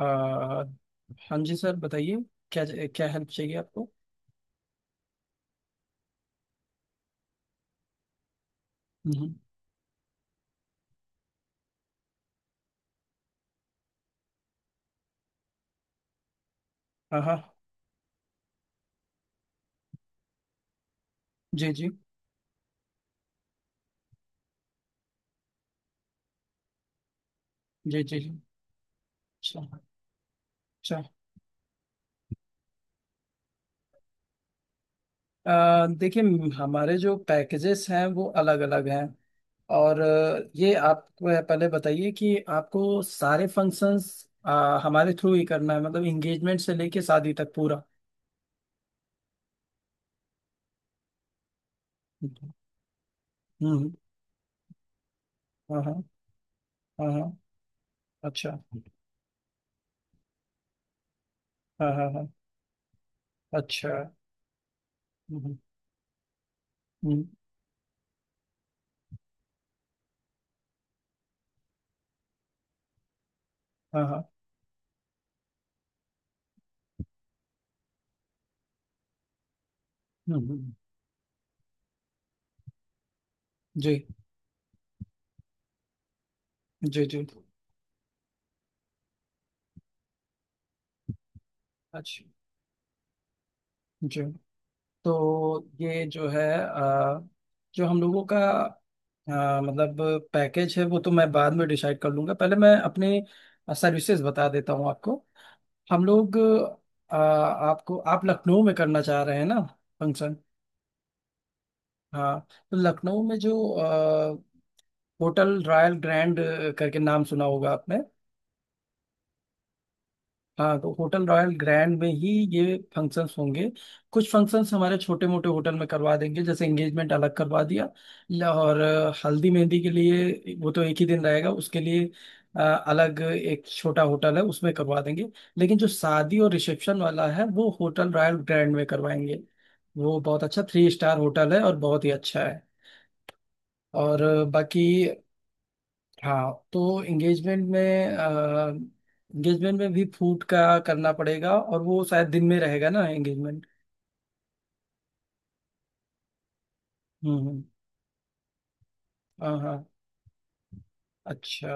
आ, हाँ जी सर बताइए, क्या क्या हेल्प चाहिए आपको। हम्म। हाँ हाँ। जी जी जी जी जी। अच्छा अच्छा। देखिए, हमारे जो पैकेजेस हैं वो अलग अलग हैं। और ये आप पहले बताइए कि आपको सारे फंक्शंस हमारे थ्रू ही करना है, मतलब इंगेजमेंट से लेके शादी तक पूरा। हम्म। हाँ हाँ हाँ हाँ। अच्छा। हाँ हाँ हाँ। अच्छा। हम्म हम्म। हाँ हाँ। हम्म। जी जी जी। अच्छा। जी। तो ये जो है जो हम लोगों का, अ, मतलब पैकेज है वो तो मैं बाद में डिसाइड कर लूंगा, पहले मैं अपने सर्विसेज बता देता हूँ आपको। हम लोग आपको, आप लखनऊ में करना चाह रहे हैं ना फंक्शन। हाँ, तो लखनऊ में जो होटल रॉयल ग्रैंड करके नाम सुना होगा आपने। हाँ, तो होटल रॉयल ग्रैंड में ही ये फंक्शंस होंगे। कुछ फंक्शंस हमारे छोटे मोटे होटल में करवा देंगे, जैसे एंगेजमेंट अलग करवा दिया। और हल्दी मेहंदी के लिए वो तो एक ही दिन रहेगा, उसके लिए अलग एक छोटा होटल है, उसमें करवा देंगे। लेकिन जो शादी और रिसेप्शन वाला है वो होटल रॉयल ग्रैंड में करवाएंगे। वो बहुत अच्छा 3 स्टार होटल है और बहुत ही अच्छा है। और बाकी हाँ, तो एंगेजमेंट में, एंगेजमेंट में भी फूड का करना पड़ेगा, और वो शायद दिन में रहेगा ना एंगेजमेंट। हम्म। हाँ हाँ। अच्छा।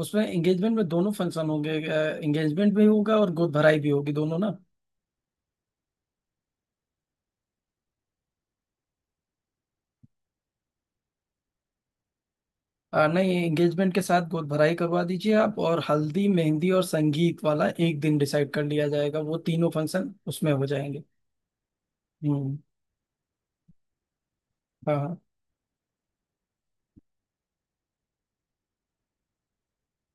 उसमें एंगेजमेंट में दोनों फंक्शन होंगे, एंगेजमेंट भी होगा और गोद भराई भी होगी, दोनों ना। नहीं, एंगेजमेंट के साथ गोद भराई करवा दीजिए आप, और हल्दी मेहंदी और संगीत वाला एक दिन डिसाइड कर लिया जाएगा, वो तीनों फंक्शन उसमें हो जाएंगे। हम्म। हाँ हाँ।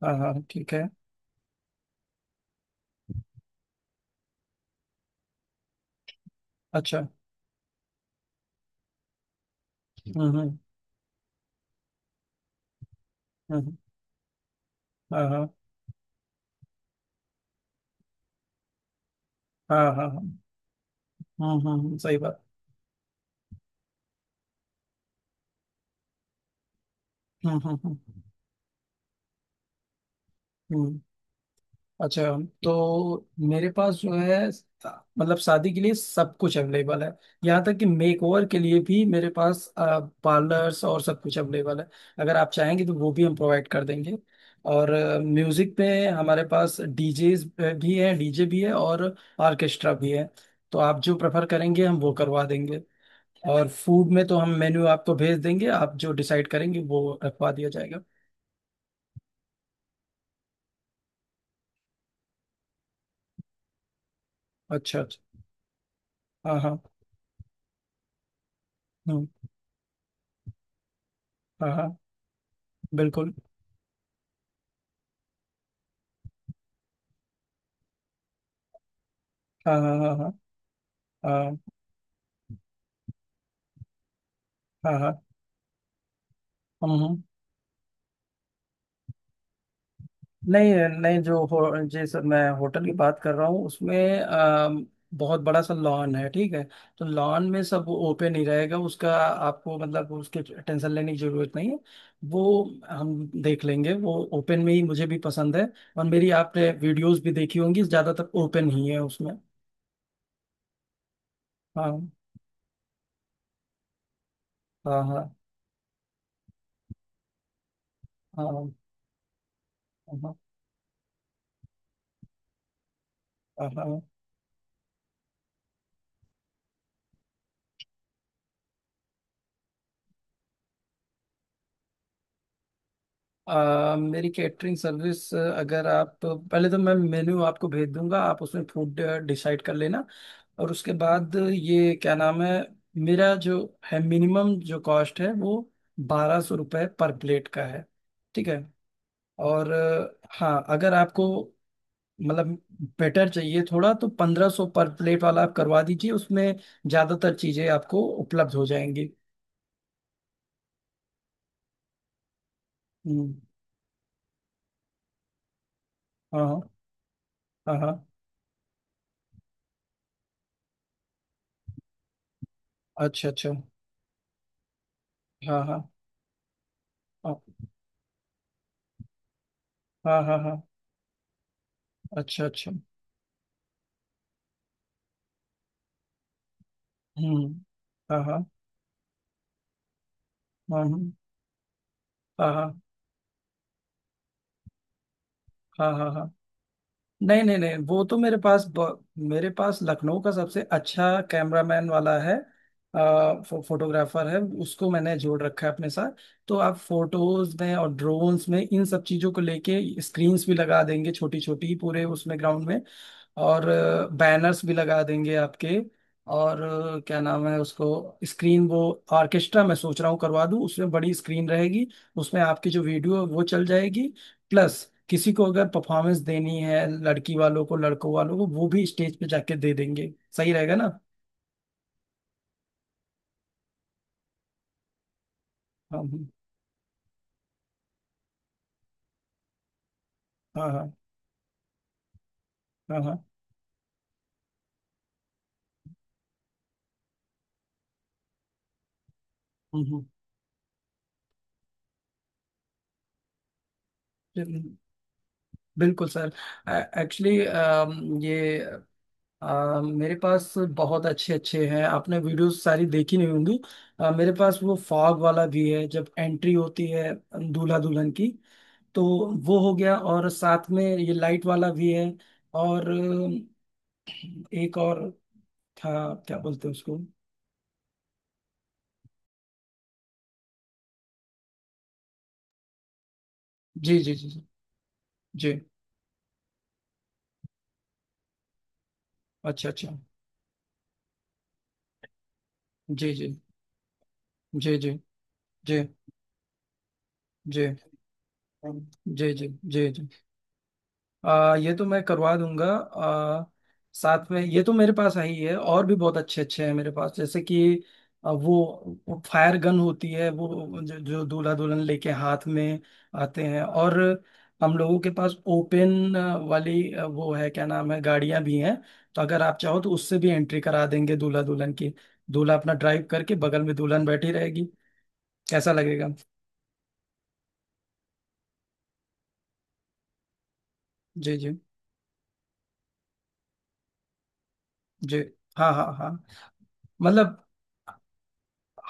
हाँ हाँ ठीक है। अच्छा। हम्म। हम्म। हाँ हाँ हाँ। हाँ हाँ हाँ। हाँ हाँ सही बात। हाँ हाँ हाँ। हम्म। अच्छा। तो मेरे पास जो है, मतलब शादी के लिए सब कुछ अवेलेबल है। यहाँ तक कि मेक ओवर के लिए भी मेरे पास पार्लर्स और सब कुछ अवेलेबल है। अगर आप चाहेंगे तो वो भी हम प्रोवाइड कर देंगे। और म्यूजिक पे हमारे पास डीजे भी है, डीजे भी है और ऑर्केस्ट्रा भी है। तो आप जो प्रेफर करेंगे हम वो करवा देंगे। और फूड में तो हम मेन्यू आपको भेज देंगे, आप जो डिसाइड करेंगे वो रखवा दिया जाएगा। अच्छा अच्छा। हाँ हाँ। हम्म, हाँ हाँ, बिल्कुल। हाँ हाँ हाँ हाँ। हाँ हाँ हाँ। हम्म हम्म। नहीं, नहीं जो हो, जैसे मैं होटल की बात कर रहा हूँ उसमें बहुत बड़ा सा लॉन है, ठीक है। तो लॉन में सब ओपन ही रहेगा उसका, आपको मतलब उसके टेंशन लेने की जरूरत नहीं है। वो हम देख लेंगे, वो ओपन में ही मुझे भी पसंद है। और मेरी आपने वीडियोस भी देखी होंगी, ज्यादातर ओपन ही है उसमें। हाँ हाँ। हाँ हाँ। हाँ हाँ। हाँ हाँ। मेरी कैटरिंग सर्विस, अगर आप पहले, तो मैं मेन्यू आपको भेज दूंगा, आप उसमें फूड डिसाइड कर लेना। और उसके बाद ये क्या नाम है, मेरा जो है मिनिमम जो कॉस्ट है वो 1200 रुपये पर प्लेट का है। ठीक है। और हाँ, अगर आपको मतलब बेटर चाहिए थोड़ा, तो 1500 पर प्लेट वाला आप करवा दीजिए, उसमें ज़्यादातर चीज़ें आपको उपलब्ध हो जाएंगी। हम्म, हाँ हाँ। हाँ हाँ। अच्छा अच्छा। हाँ हाँ हाँ हाँ। हाँ हाँ। अच्छा अच्छा। हम्म। हाँ हाँ हाँ हाँ। हाँ हाँ हाँ हाँ हाँ। नहीं नहीं नहीं, वो तो मेरे पास मेरे पास लखनऊ का सबसे अच्छा कैमरामैन वाला है, फोटोग्राफर है, उसको मैंने जोड़ रखा है अपने साथ। तो आप फोटोज में और ड्रोन्स में इन सब चीजों को लेके स्क्रीन्स भी लगा देंगे छोटी छोटी पूरे उसमें ग्राउंड में। और बैनर्स भी लगा देंगे आपके। और क्या नाम है उसको, स्क्रीन वो, ऑर्केस्ट्रा मैं सोच रहा हूँ करवा दूँ उसमें बड़ी स्क्रीन रहेगी, उसमें आपकी जो वीडियो है वो चल जाएगी। प्लस किसी को अगर परफॉर्मेंस देनी है, लड़की वालों को लड़कों वालों को, वो भी स्टेज पे जाके दे देंगे, सही रहेगा ना। हाँ हाँ हाँ। हाँ हाँ। हम्म हम्म। बिल- बिल्कुल सर। एक्चुअली ये मेरे पास बहुत अच्छे अच्छे हैं, आपने वीडियोस सारी देखी नहीं होंगी। मेरे पास वो फॉग वाला भी है जब एंट्री होती है दूल्हा दुल्हन की। तो वो हो गया, और साथ में ये लाइट वाला भी है। और एक और था, क्या बोलते हैं उसको। जी जी जी जी जी। अच्छा अच्छा। जी जी जी जी जी जी जी जी जी जी। ये तो मैं करवा दूंगा। साथ में ये तो मेरे पास आई है, और भी बहुत अच्छे अच्छे हैं मेरे पास। जैसे कि वो फायर गन होती है, वो जो दूल्हा दुल्हन लेके हाथ में आते हैं। और हम लोगों के पास ओपन वाली वो है क्या नाम है, गाड़ियां भी हैं। तो अगर आप चाहो तो उससे भी एंट्री करा देंगे दूल्हा दुल्हन की। दूल्हा अपना ड्राइव करके, बगल में दुल्हन बैठी रहेगी, कैसा लगेगा। जी जी जी। हाँ हाँ हाँ, मतलब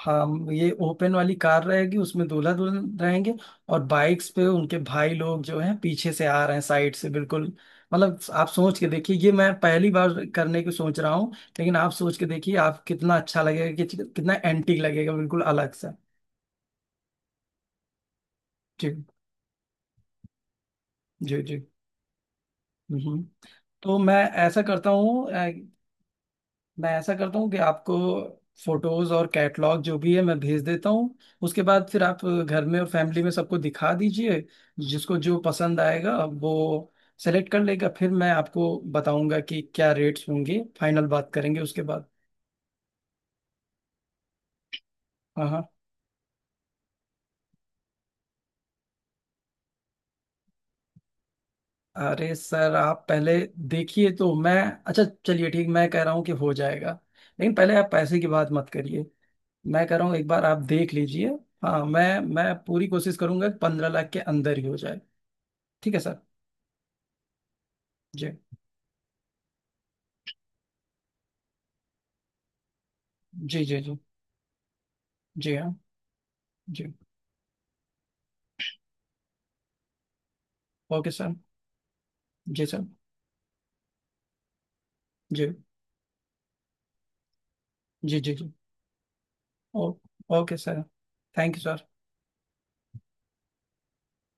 हम, ये ओपन वाली कार रहेगी उसमें दूल्हा दुल्हन रहेंगे, और बाइक्स पे उनके भाई लोग जो हैं पीछे से आ रहे हैं साइड से, बिल्कुल। मतलब आप सोच के देखिए, ये मैं पहली बार करने की सोच रहा हूँ। लेकिन आप सोच के देखिए, आप कितना अच्छा लगेगा, कि कितना एंटीक लगेगा, बिल्कुल अलग सा। जी जी जी। हम्म। तो मैं ऐसा करता हूँ, कि आपको फोटोज और कैटलॉग जो भी है मैं भेज देता हूँ। उसके बाद फिर आप घर में और फैमिली में सबको दिखा दीजिए। जिसको जो पसंद आएगा वो सेलेक्ट कर लेगा, फिर मैं आपको बताऊंगा कि क्या रेट्स होंगे, फाइनल बात करेंगे उसके बाद। हाँ हाँ। अरे सर, आप पहले देखिए तो, मैं, अच्छा चलिए ठीक, मैं कह रहा हूँ कि हो जाएगा, लेकिन पहले आप पैसे की बात मत करिए। मैं कह रहा हूँ एक बार आप देख लीजिए। हाँ, मैं पूरी कोशिश करूंगा कि 15 लाख के अंदर ही हो जाए। ठीक है सर। जी जी जी जी जी। हाँ जी। Okay sir. जी सर। जी जी जी जी। Oh okay sir. Thank you sir.